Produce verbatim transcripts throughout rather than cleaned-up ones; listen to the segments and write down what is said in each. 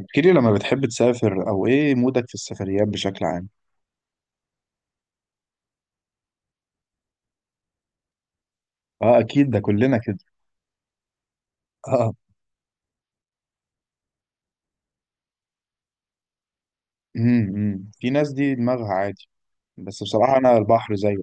احكي لي لما بتحب تسافر او ايه مودك في السفريات بشكل عام؟ اه، اكيد ده كلنا كده. اه. امم إمم. في ناس دي دماغها عادي. بس بصراحة انا البحر زيه.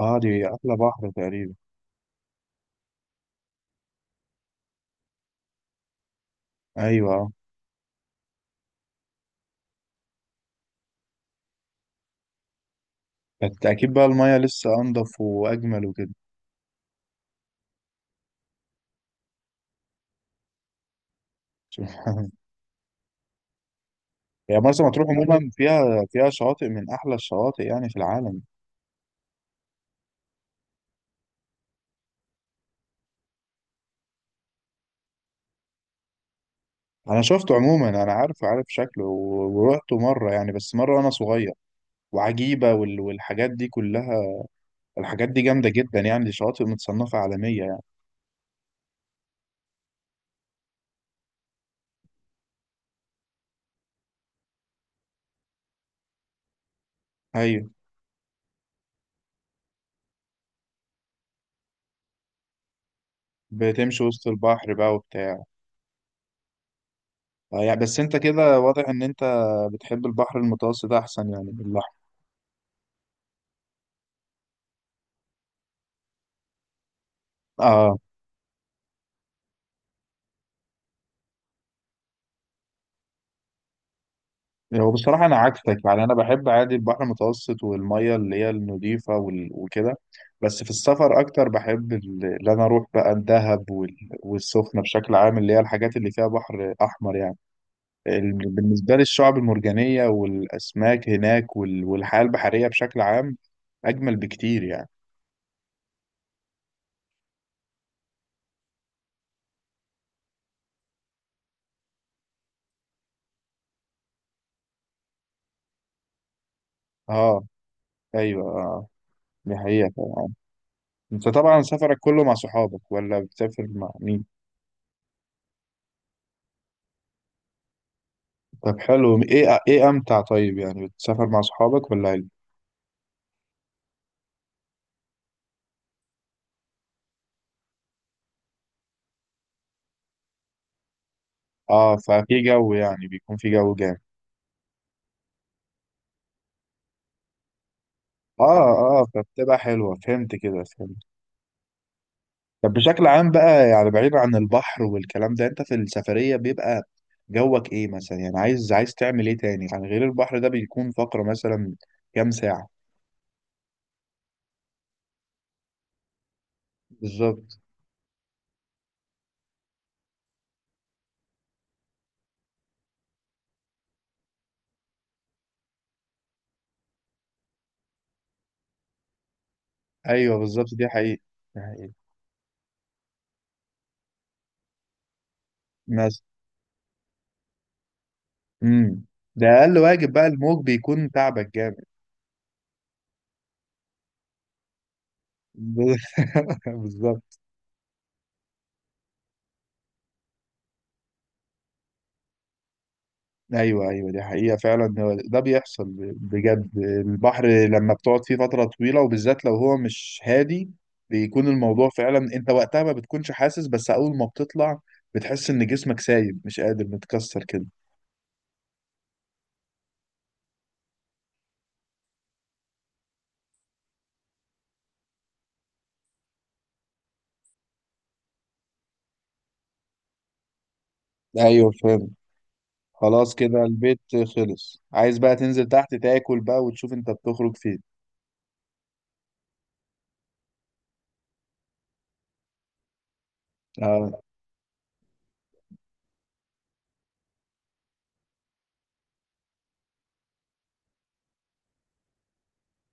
اه، دي احلى بحر تقريبا. ايوه. بس اكيد بقى المية لسه انضف واجمل وكده. يعني مرسى مطروح عموما فيها فيها شواطئ من احلى الشواطئ يعني في العالم. انا شفته عموما، انا عارف عارف شكله و- ورحته مرة يعني، بس مرة وانا صغير. وعجيبة وال- والحاجات دي كلها. الحاجات دي جامدة جدا يعني، دي شواطئ متصنفة عالمية يعني. أيوة. بتمشي وسط البحر بقى وبتاع. آه يعني بس أنت كده واضح إن أنت بتحب البحر المتوسط أحسن يعني من الأحمر. آه. هو بصراحة أنا عكسك يعني، أنا بحب عادي البحر المتوسط والمية اللي هي النضيفة وال- وكده. بس في السفر أكتر بحب ال- اللي أنا أروح بقى الدهب وال- والسخنة بشكل عام، اللي هي الحاجات اللي فيها بحر أحمر يعني. ال- بالنسبة لي الشعب المرجانية والأسماك هناك وال- والحياة البحرية بشكل عام أجمل بكتير يعني. اه، أيوه، اه. دي حقيقة طبعا. أنت طبعا سفرك كله مع صحابك ولا بتسافر مع مين؟ طب حلو، إيه إيه أمتع؟ طيب يعني بتسافر مع صحابك ولا عيلة؟ اه، ففي جو يعني، بيكون في جو جامد. اه اه، فبتبقى حلوة، فهمت كده فهمت. طب بشكل عام بقى يعني، بعيد عن البحر والكلام ده، انت في السفرية بيبقى جوك ايه مثلا؟ يعني عايز عايز تعمل ايه تاني؟ يعني غير البحر، ده بيكون فقرة مثلا كام ساعة؟ بالظبط. ايوه بالظبط، دي حقيقة. دي حقيقة. مثلا. امم. ده اقل واجب بقى، الموج بيكون تعبك جامد. بالظبط. ايوه ايوه، دي حقيقة فعلا، هو ده بيحصل. بجد البحر لما بتقعد فيه فترة طويلة وبالذات لو هو مش هادي، بيكون الموضوع فعلا. انت وقتها ما بتكونش حاسس، بس اول ما بتطلع بتحس ان جسمك سايب، مش قادر، متكسر كده. ايوه فاهم. خلاص كده البيت. خلص، عايز بقى تنزل تحت تاكل بقى، وتشوف انت بتخرج فين. اه.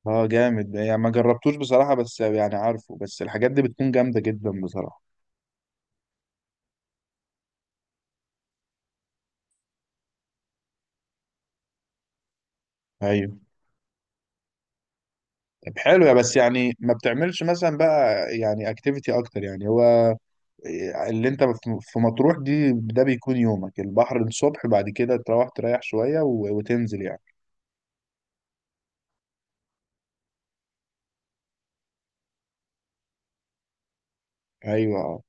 اه، جامد يعني. ما جربتوش بصراحة، بس يعني عارفه، بس الحاجات دي بتكون جامدة جدا بصراحة. ايوه. طب حلو. يا بس يعني ما بتعملش مثلا بقى، يعني اكتيفيتي اكتر يعني؟ هو اللي انت في في مطروح دي، ده بيكون يومك البحر الصبح، بعد كده تروح تريح شوية و- وتنزل يعني. ايوه، آه.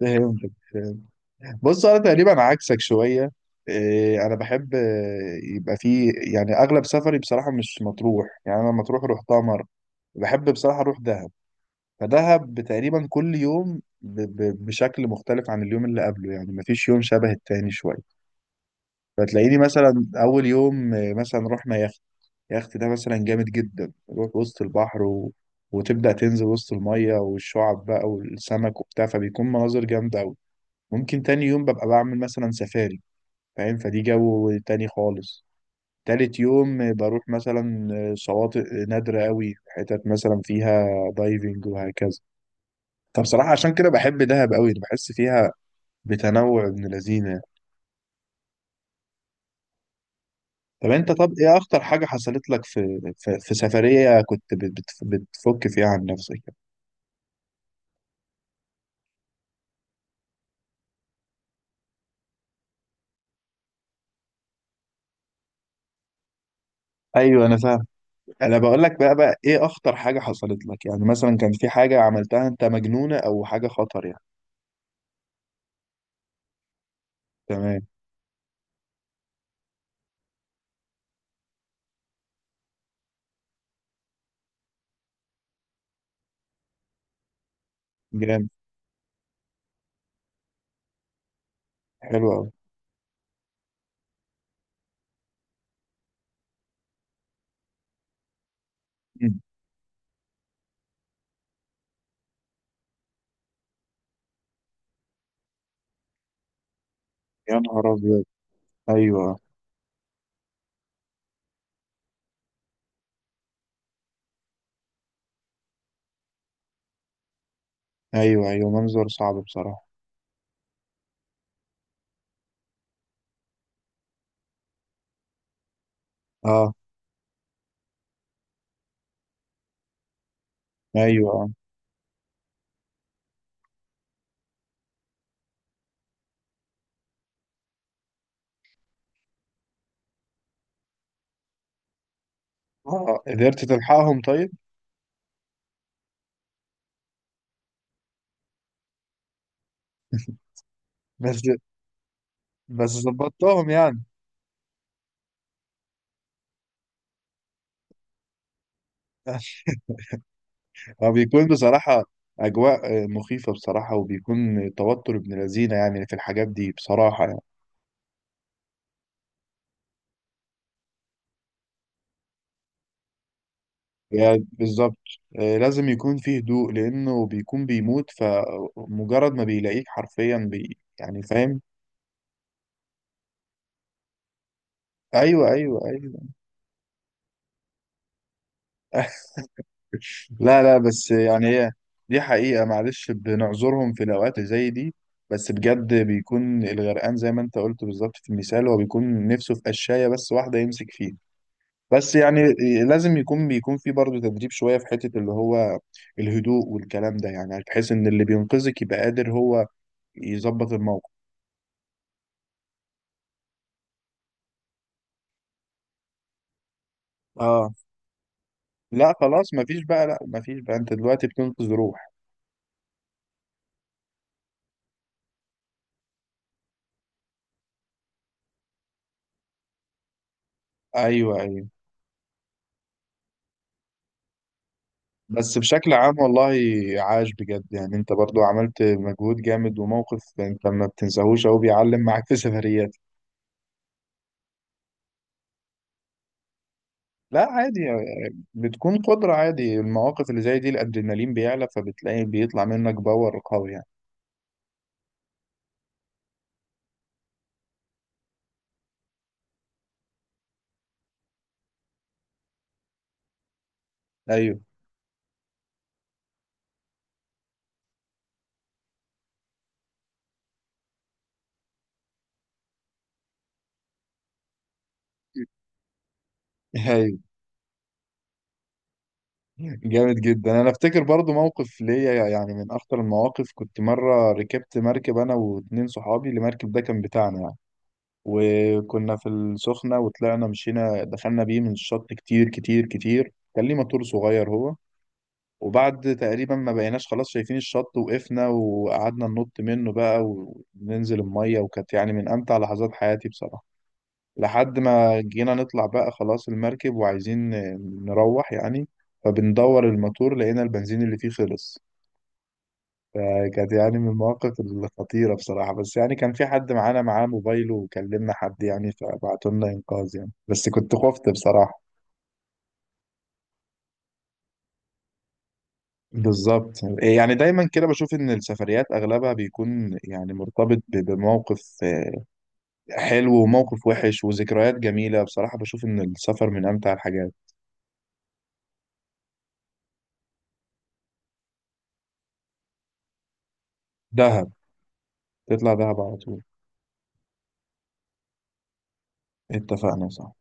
فهمتك فهمت. بص، انا تقريبا عكسك شوية. إيه، انا بحب، إيه، يبقى فيه يعني اغلب سفري بصراحة مش مطروح، يعني انا مطروح روحتها مرة. بحب بصراحة اروح دهب. فدهب تقريبا كل يوم ب- ب- بشكل مختلف عن اليوم اللي قبله، يعني مفيش يوم شبه التاني شوية. فتلاقيني مثلا اول يوم آه، مثلا رحنا يخت. يخت ده مثلا جامد جدا، نروح وسط البحر و... وتبدأ تنزل وسط المية والشعب بقى والسمك وبتاع، فبيكون مناظر جامدة أوي. ممكن تاني يوم ببقى بعمل مثلا سفاري، فاهم؟ فدي جو تاني خالص. تالت يوم آه، بروح مثلا آه، شواطئ نادرة أوي، حتت مثلا فيها دايفنج وهكذا. فبصراحة عشان كده بحب دهب أوي، بحس فيها بتنوع ابن لذينة. طب انت طب ايه اخطر حاجة حصلت لك في في, في سفرية كنت بت- بت- بتفك فيها عن نفسك؟ ايوه انا فاهم. انا بقول لك بقى بقى ايه اخطر حاجة حصلت لك يعني؟ مثلا كان في حاجة عملتها انت مجنونة او حاجة خطر يعني. تمام. جامد. حلو قوي. مم. يا نهار ابيض. ايوه ايوه ايوه، منظر صعب بصراحة. اه. ايوه اه، قدرت تلحقهم طيب؟ بس بس ظبطتهم يعني؟ فبيكون بصراحة أجواء آه، مخيفة بصراحة، وبيكون توتر ابن لذينة يعني في الحاجات دي بصراحة يعني. هي بالظبط. آه، لازم يكون فيه هدوء، لأنه بيكون بيموت، فمجرد ما بيلاقيك حرفيا بي يعني، فاهم. أيوه أيوه أيوه. لا لا، بس يعني هي دي حقيقة، معلش بنعذرهم في الأوقات زي دي. بس بجد بيكون الغرقان زي ما أنت قلت بالظبط في المثال، هو بيكون نفسه في قشاية بس واحدة يمسك فيها، بس يعني لازم يكون بيكون في برضه تدريب شوية في حتة اللي هو الهدوء والكلام ده، يعني بحيث ان اللي بينقذك يبقى قادر هو يظبط الموقف. اه. لا خلاص، مفيش بقى، لا مفيش بقى، انت دلوقتي بتنقذ روح. ايوه ايوه. بس بشكل عام والله عاش بجد يعني، انت برضو عملت مجهود جامد، وموقف انت ما بتنساهوش او بيعلم معاك في سفريات. لا عادي يعني، بتكون قدرة عادي. المواقف اللي زي دي الادرينالين بيعلى، فبتلاقي بيطلع منك باور قوي يعني. ايوه. ايوه. جامد جدا. انا افتكر برضو موقف ليا يعني من اخطر المواقف. كنت مره ركبت مركب انا واتنين صحابي، المركب ده كان بتاعنا يعني، وكنا في السخنه، وطلعنا مشينا دخلنا بيه من الشط كتير كتير كتير، كان ليه موتور صغير هو. وبعد تقريبا ما بقيناش خلاص شايفين الشط، وقفنا وقعدنا ننط منه بقى وننزل الميه، وكانت يعني من امتع لحظات حياتي بصراحه. لحد ما جينا نطلع بقى خلاص المركب وعايزين نروح يعني، فبندور الموتور لقينا البنزين اللي فيه خلص. فكانت يعني من المواقف الخطيرة بصراحة، بس يعني كان في حد معانا معاه موبايله وكلمنا حد يعني، فبعتوا لنا إنقاذ يعني، بس كنت خفت بصراحة. بالظبط يعني، دايما كده بشوف ان السفريات اغلبها بيكون يعني مرتبط ب- بموقف حلو وموقف وحش وذكريات جميلة، بصراحة بشوف ان السفر من امتع الحاجات. دهب. تطلع دهب على طول. اتفقنا، صح؟